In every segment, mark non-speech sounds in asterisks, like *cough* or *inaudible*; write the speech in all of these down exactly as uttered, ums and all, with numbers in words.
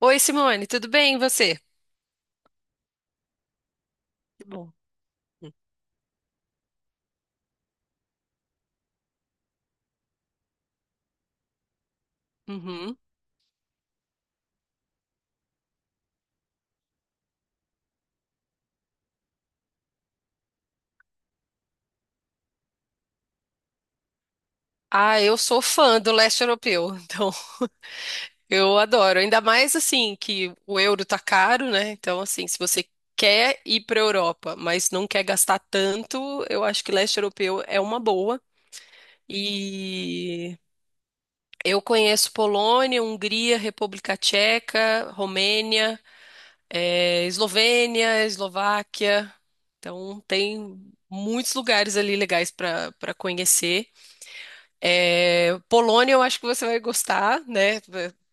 Oi, Simone, tudo bem? E você? Que bom. Uhum. Ah, eu sou fã do leste europeu, *laughs* então eu adoro. Ainda mais assim que o euro tá caro, né? Então, assim, se você quer ir para Europa, mas não quer gastar tanto, eu acho que leste europeu é uma boa. E eu conheço Polônia, Hungria, República Tcheca, Romênia, eh, Eslovênia, Eslováquia. Então, tem muitos lugares ali legais para para conhecer. É, Polônia, eu acho que você vai gostar, né?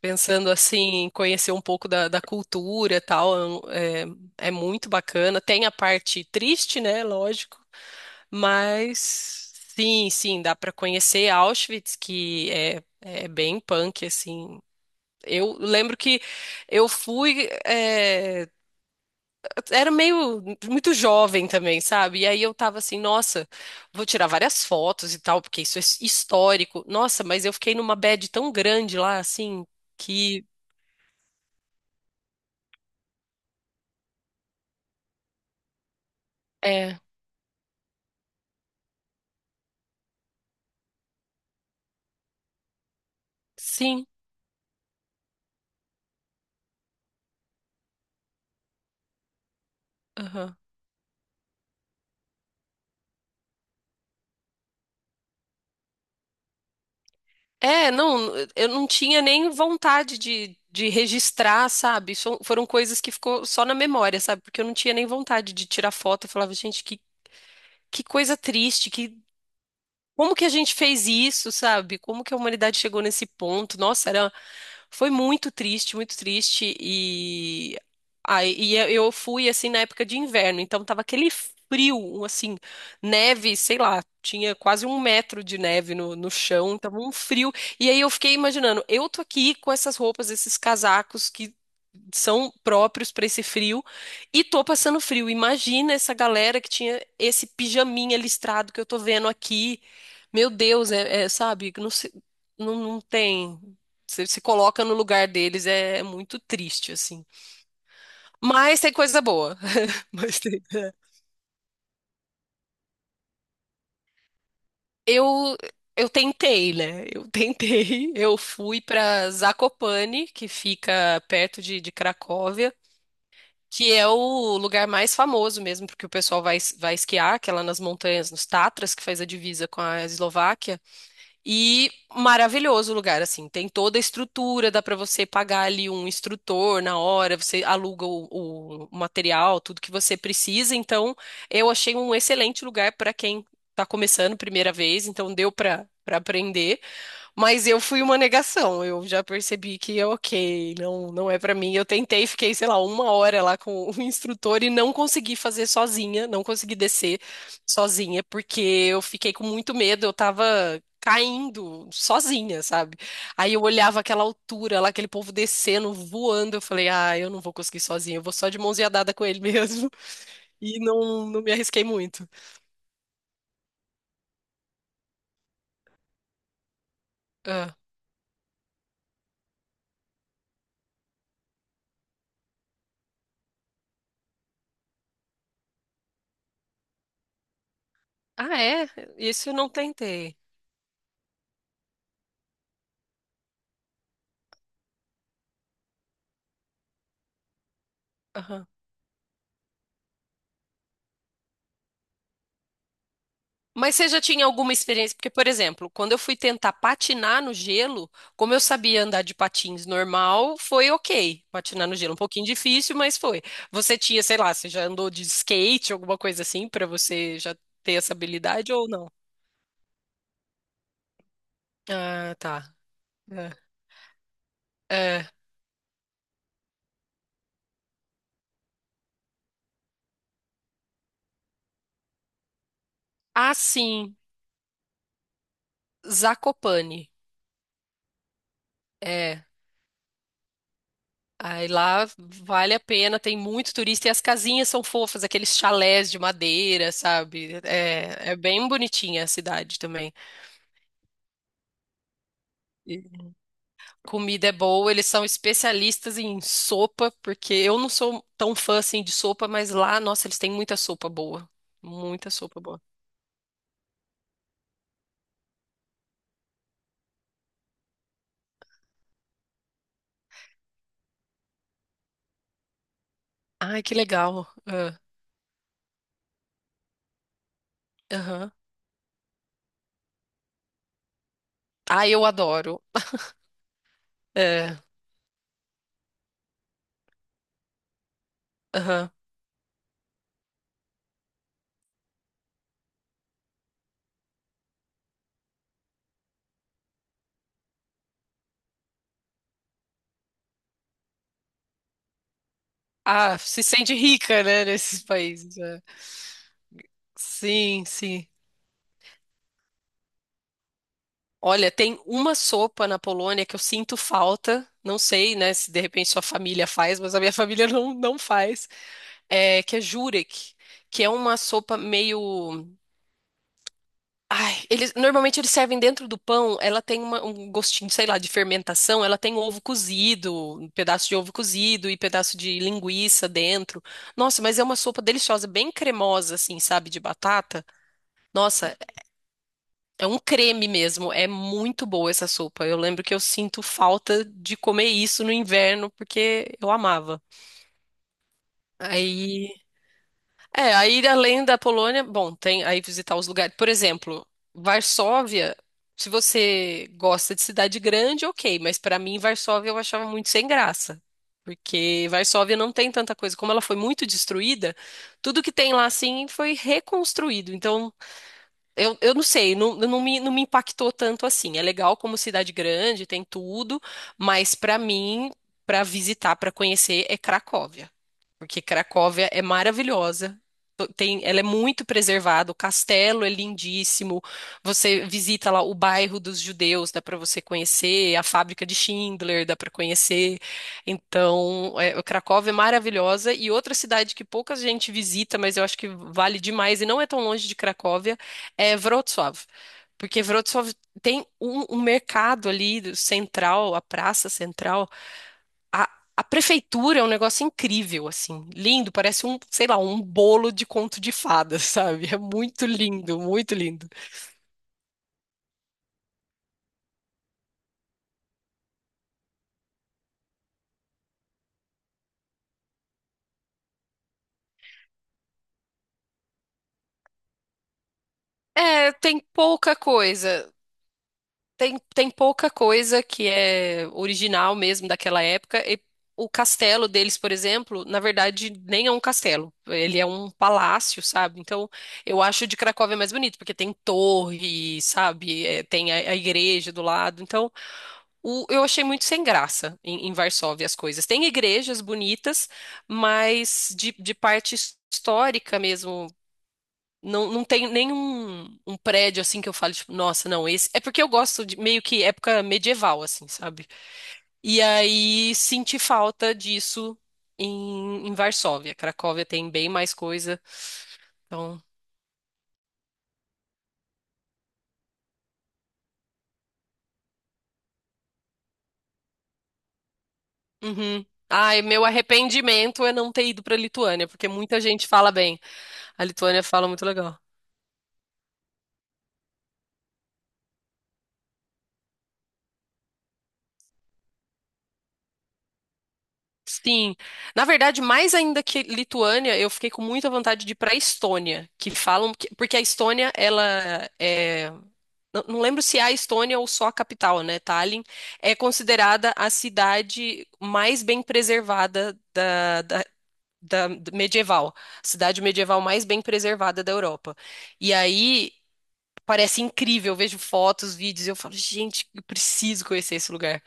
Pensando assim, em conhecer um pouco da, da cultura e tal, é, um, é é muito bacana. Tem a parte triste, né? Lógico, mas sim, sim, dá para conhecer Auschwitz, que é, é bem punk, assim. Eu lembro que eu fui, é, era meio muito jovem também, sabe? E aí eu tava assim, nossa, vou tirar várias fotos e tal, porque isso é histórico. Nossa, mas eu fiquei numa bad tão grande lá, assim, que é, sim, aham. É, não, eu não tinha nem vontade de, de registrar, sabe? So- foram coisas que ficou só na memória, sabe? Porque eu não tinha nem vontade de tirar foto. Eu falava, gente, que, que coisa triste, que. Como que a gente fez isso, sabe? Como que a humanidade chegou nesse ponto? Nossa, era, foi muito triste, muito triste. E aí, e eu eu fui assim na época de inverno, então tava aquele frio, um, assim, neve, sei lá, tinha quase um metro de neve no, no chão, tava um frio. E aí eu fiquei imaginando, eu tô aqui com essas roupas, esses casacos que são próprios para esse frio e tô passando frio. Imagina essa galera que tinha esse pijaminha listrado que eu tô vendo aqui. Meu Deus, é, é, sabe, não, se- não, não tem. Você se coloca no lugar deles, é, é muito triste, assim. Mas tem coisa boa. *laughs* Mas tem- é. Eu, eu tentei, né? Eu *laughs* tentei. Eu fui para Zakopane, que fica perto de, de Cracóvia, que é o lugar mais famoso mesmo, porque o pessoal vai, es- vai esquiar, que é lá nas montanhas, nos Tatras, que faz a divisa com a Eslováquia. E maravilhoso o lugar, assim, tem toda a estrutura, dá para você pagar ali um instrutor na hora, você aluga o, o- o material, tudo que você precisa. Então, eu achei um excelente lugar para quem está começando primeira vez, então deu para para aprender. Mas eu fui uma negação. Eu já percebi que, é ok, não, não é pra mim. Eu tentei, fiquei, sei lá, uma hora lá com o instrutor e não consegui fazer sozinha, não consegui descer sozinha, porque eu fiquei com muito medo. Eu tava caindo sozinha, sabe? Aí eu olhava aquela altura lá, aquele povo descendo, voando. Eu falei, ah, eu não vou conseguir sozinha. Eu vou só de mãozinha dada com ele mesmo. *laughs* E não, não me arrisquei muito. Ah, ah, é? Isso eu não tentei. Mas você já tinha alguma experiência? Porque, por exemplo, quando eu fui tentar patinar no gelo, como eu sabia andar de patins normal, foi ok. Patinar no gelo, um pouquinho difícil, mas foi. Você tinha, sei lá, você já andou de skate, alguma coisa assim, pra você já ter essa habilidade ou não? Ah, tá. É. É. Ah, sim. Zakopane. É. Aí lá vale a pena, tem muito turista e as casinhas são fofas, aqueles chalés de madeira, sabe? É, é bem bonitinha a cidade também. Comida é boa, eles são especialistas em sopa, porque eu não sou tão fã assim de sopa, mas lá, nossa, eles têm muita sopa boa. Muita sopa boa. Ai, que legal. Ah. Aham. Ah, eu adoro. É, aham. Ah, se sente rica, né, nesses países. É. Sim, sim. Olha, tem uma sopa na Polônia que eu sinto falta. Não sei, né, se de repente sua família faz, mas a minha *laughs* família não, não faz. É, que é Jurek, que é uma sopa meio. Ai, eles normalmente eles servem dentro do pão. Ela tem uma- um gostinho, sei lá, de fermentação. Ela tem um ovo cozido, um pedaço de ovo cozido e pedaço de linguiça dentro. Nossa, mas é uma sopa deliciosa, bem cremosa, assim, sabe, de batata. Nossa, é um creme mesmo. É muito boa essa sopa. Eu lembro que eu sinto falta de comer isso no inverno porque eu amava. Aí, é, aí além da Polônia, bom, tem aí visitar os lugares. Por exemplo, Varsóvia, se você gosta de cidade grande, ok, mas pra mim Varsóvia eu achava muito sem graça. Porque Varsóvia não tem tanta coisa. Como ela foi muito destruída, tudo que tem lá assim foi reconstruído. Então, eu, eu não sei, não, não me, não me impactou tanto assim. É legal como cidade grande, tem tudo, mas pra mim, pra visitar, pra conhecer, é Cracóvia. Porque Cracóvia é maravilhosa, tem, ela é muito preservada, o castelo é lindíssimo. Você visita lá o bairro dos judeus, dá para você conhecer, a fábrica de Schindler dá para conhecer. Então, é, o Cracóvia é maravilhosa e outra cidade que pouca gente visita, mas eu acho que vale demais e não é tão longe de Cracóvia, é Wrocław. Porque Wrocław tem um, um mercado ali do- central, a praça central, a, a prefeitura é um negócio incrível, assim, lindo, parece um, sei lá, um bolo de conto de fadas, *laughs* sabe? É muito lindo, muito lindo. É, tem pouca coisa, tem, tem pouca coisa que é original mesmo daquela época. E o castelo deles, por exemplo, na verdade, nem é um castelo, ele é um palácio, sabe? Então, eu acho o de Cracóvia mais bonito, porque tem torre, sabe? É, tem a a igreja do lado, então. O- eu achei muito sem graça em, em Varsóvia as coisas. Tem igrejas bonitas, mas de, de parte his- histórica mesmo. Não, não tem nenhum um prédio assim que eu falo, tipo, nossa, não, esse. É porque eu gosto de meio que época medieval, assim, sabe? E aí senti falta disso em, em Varsóvia. Cracóvia tem bem mais coisa. Então. Uhum. Ai, meu arrependimento é não ter ido pra Lituânia, porque muita gente fala bem. A Lituânia fala muito legal. Sim. Na verdade, mais ainda que Lituânia, eu fiquei com muita vontade de ir para Estônia, que falam que- porque a Estônia, ela é. Não não lembro se é a Estônia ou só a capital, né? Tallinn é considerada a cidade mais bem preservada da, da, da do medieval, cidade medieval mais bem preservada da Europa. E aí parece incrível, eu vejo fotos, vídeos, e eu falo, gente, eu preciso conhecer esse lugar.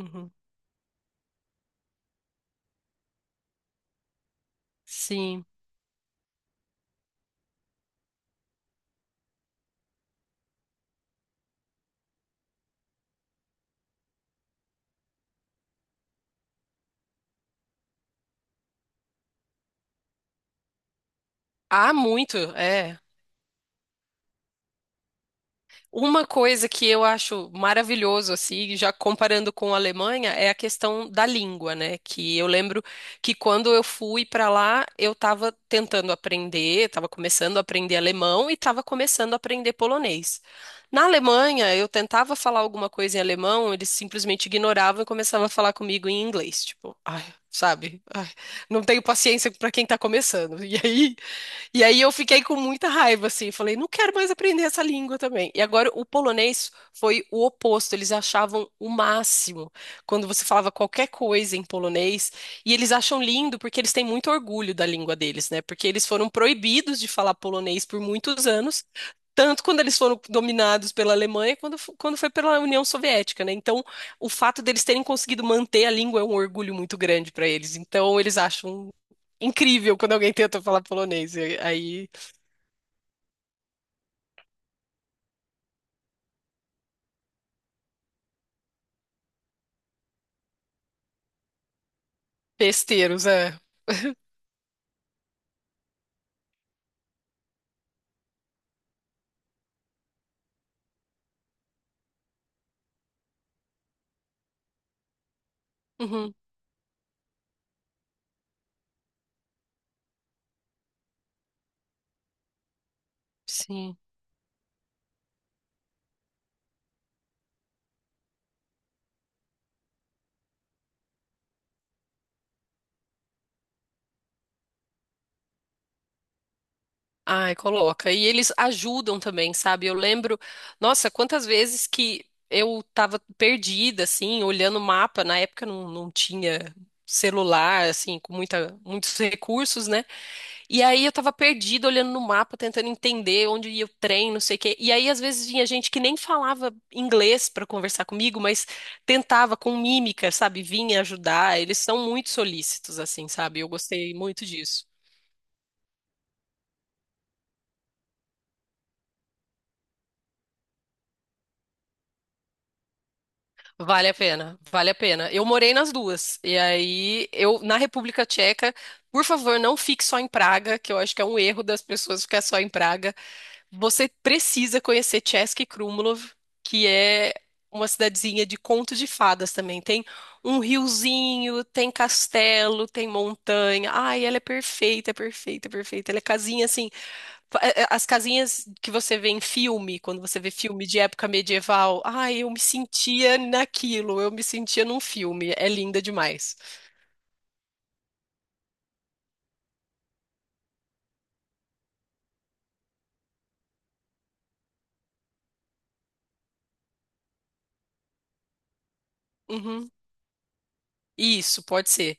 Uhum. Sim. Há muito, é. Uma coisa que eu acho maravilhoso, assim, já comparando com a Alemanha, é a questão da língua, né? Que eu lembro que quando eu fui para lá, eu estava tentando aprender, estava começando a aprender alemão e estava começando a aprender polonês. Na Alemanha, eu tentava falar alguma coisa em alemão, eles simplesmente ignoravam e começavam a falar comigo em inglês. Tipo, ai, sabe? Ai, não tenho paciência para quem está começando. E aí. E aí eu fiquei com muita raiva, assim, falei, não quero mais aprender essa língua também. E agora o polonês foi o oposto, eles achavam o máximo quando você falava qualquer coisa em polonês, e eles acham lindo porque eles têm muito orgulho da língua deles, né? Porque eles foram proibidos de falar polonês por muitos anos. Tanto quando eles foram dominados pela Alemanha, quando, fo- quando foi pela União Soviética, né? Então, o fato deles terem conseguido manter a língua é um orgulho muito grande para eles. Então, eles acham incrível quando alguém tenta falar polonês. E aí, besteiros, é. Uhum, sim. Ai, coloca. E eles ajudam também, sabe? Eu lembro, nossa, quantas vezes que eu tava perdida, assim, olhando o mapa. Na época não, não tinha celular, assim, com muita, muitos recursos, né? E aí eu tava perdida olhando no mapa, tentando entender onde ia o trem, não sei o quê. E aí às vezes vinha gente que nem falava inglês pra conversar comigo, mas tentava com mímica, sabe? Vinha ajudar. Eles são muito solícitos, assim, sabe? Eu gostei muito disso. Vale a pena, vale a pena. Eu morei nas duas. E aí eu na República Tcheca, por favor, não fique só em Praga, que eu acho que é um erro das pessoas ficar só em Praga. Você precisa conhecer Chesky Krumlov, que é uma cidadezinha de conto de fadas também. Tem um riozinho, tem castelo, tem montanha. Ai, ela é perfeita, perfeita, perfeita. Ela é casinha assim, fa- é- é- as casinhas que você vê em filme, quando você vê filme de época medieval. Ai, eu me sentia naquilo, eu me sentia num filme. É linda demais. Uhum. Isso, pode ser.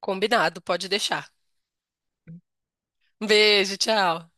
Combinado, pode deixar. Um beijo, tchau.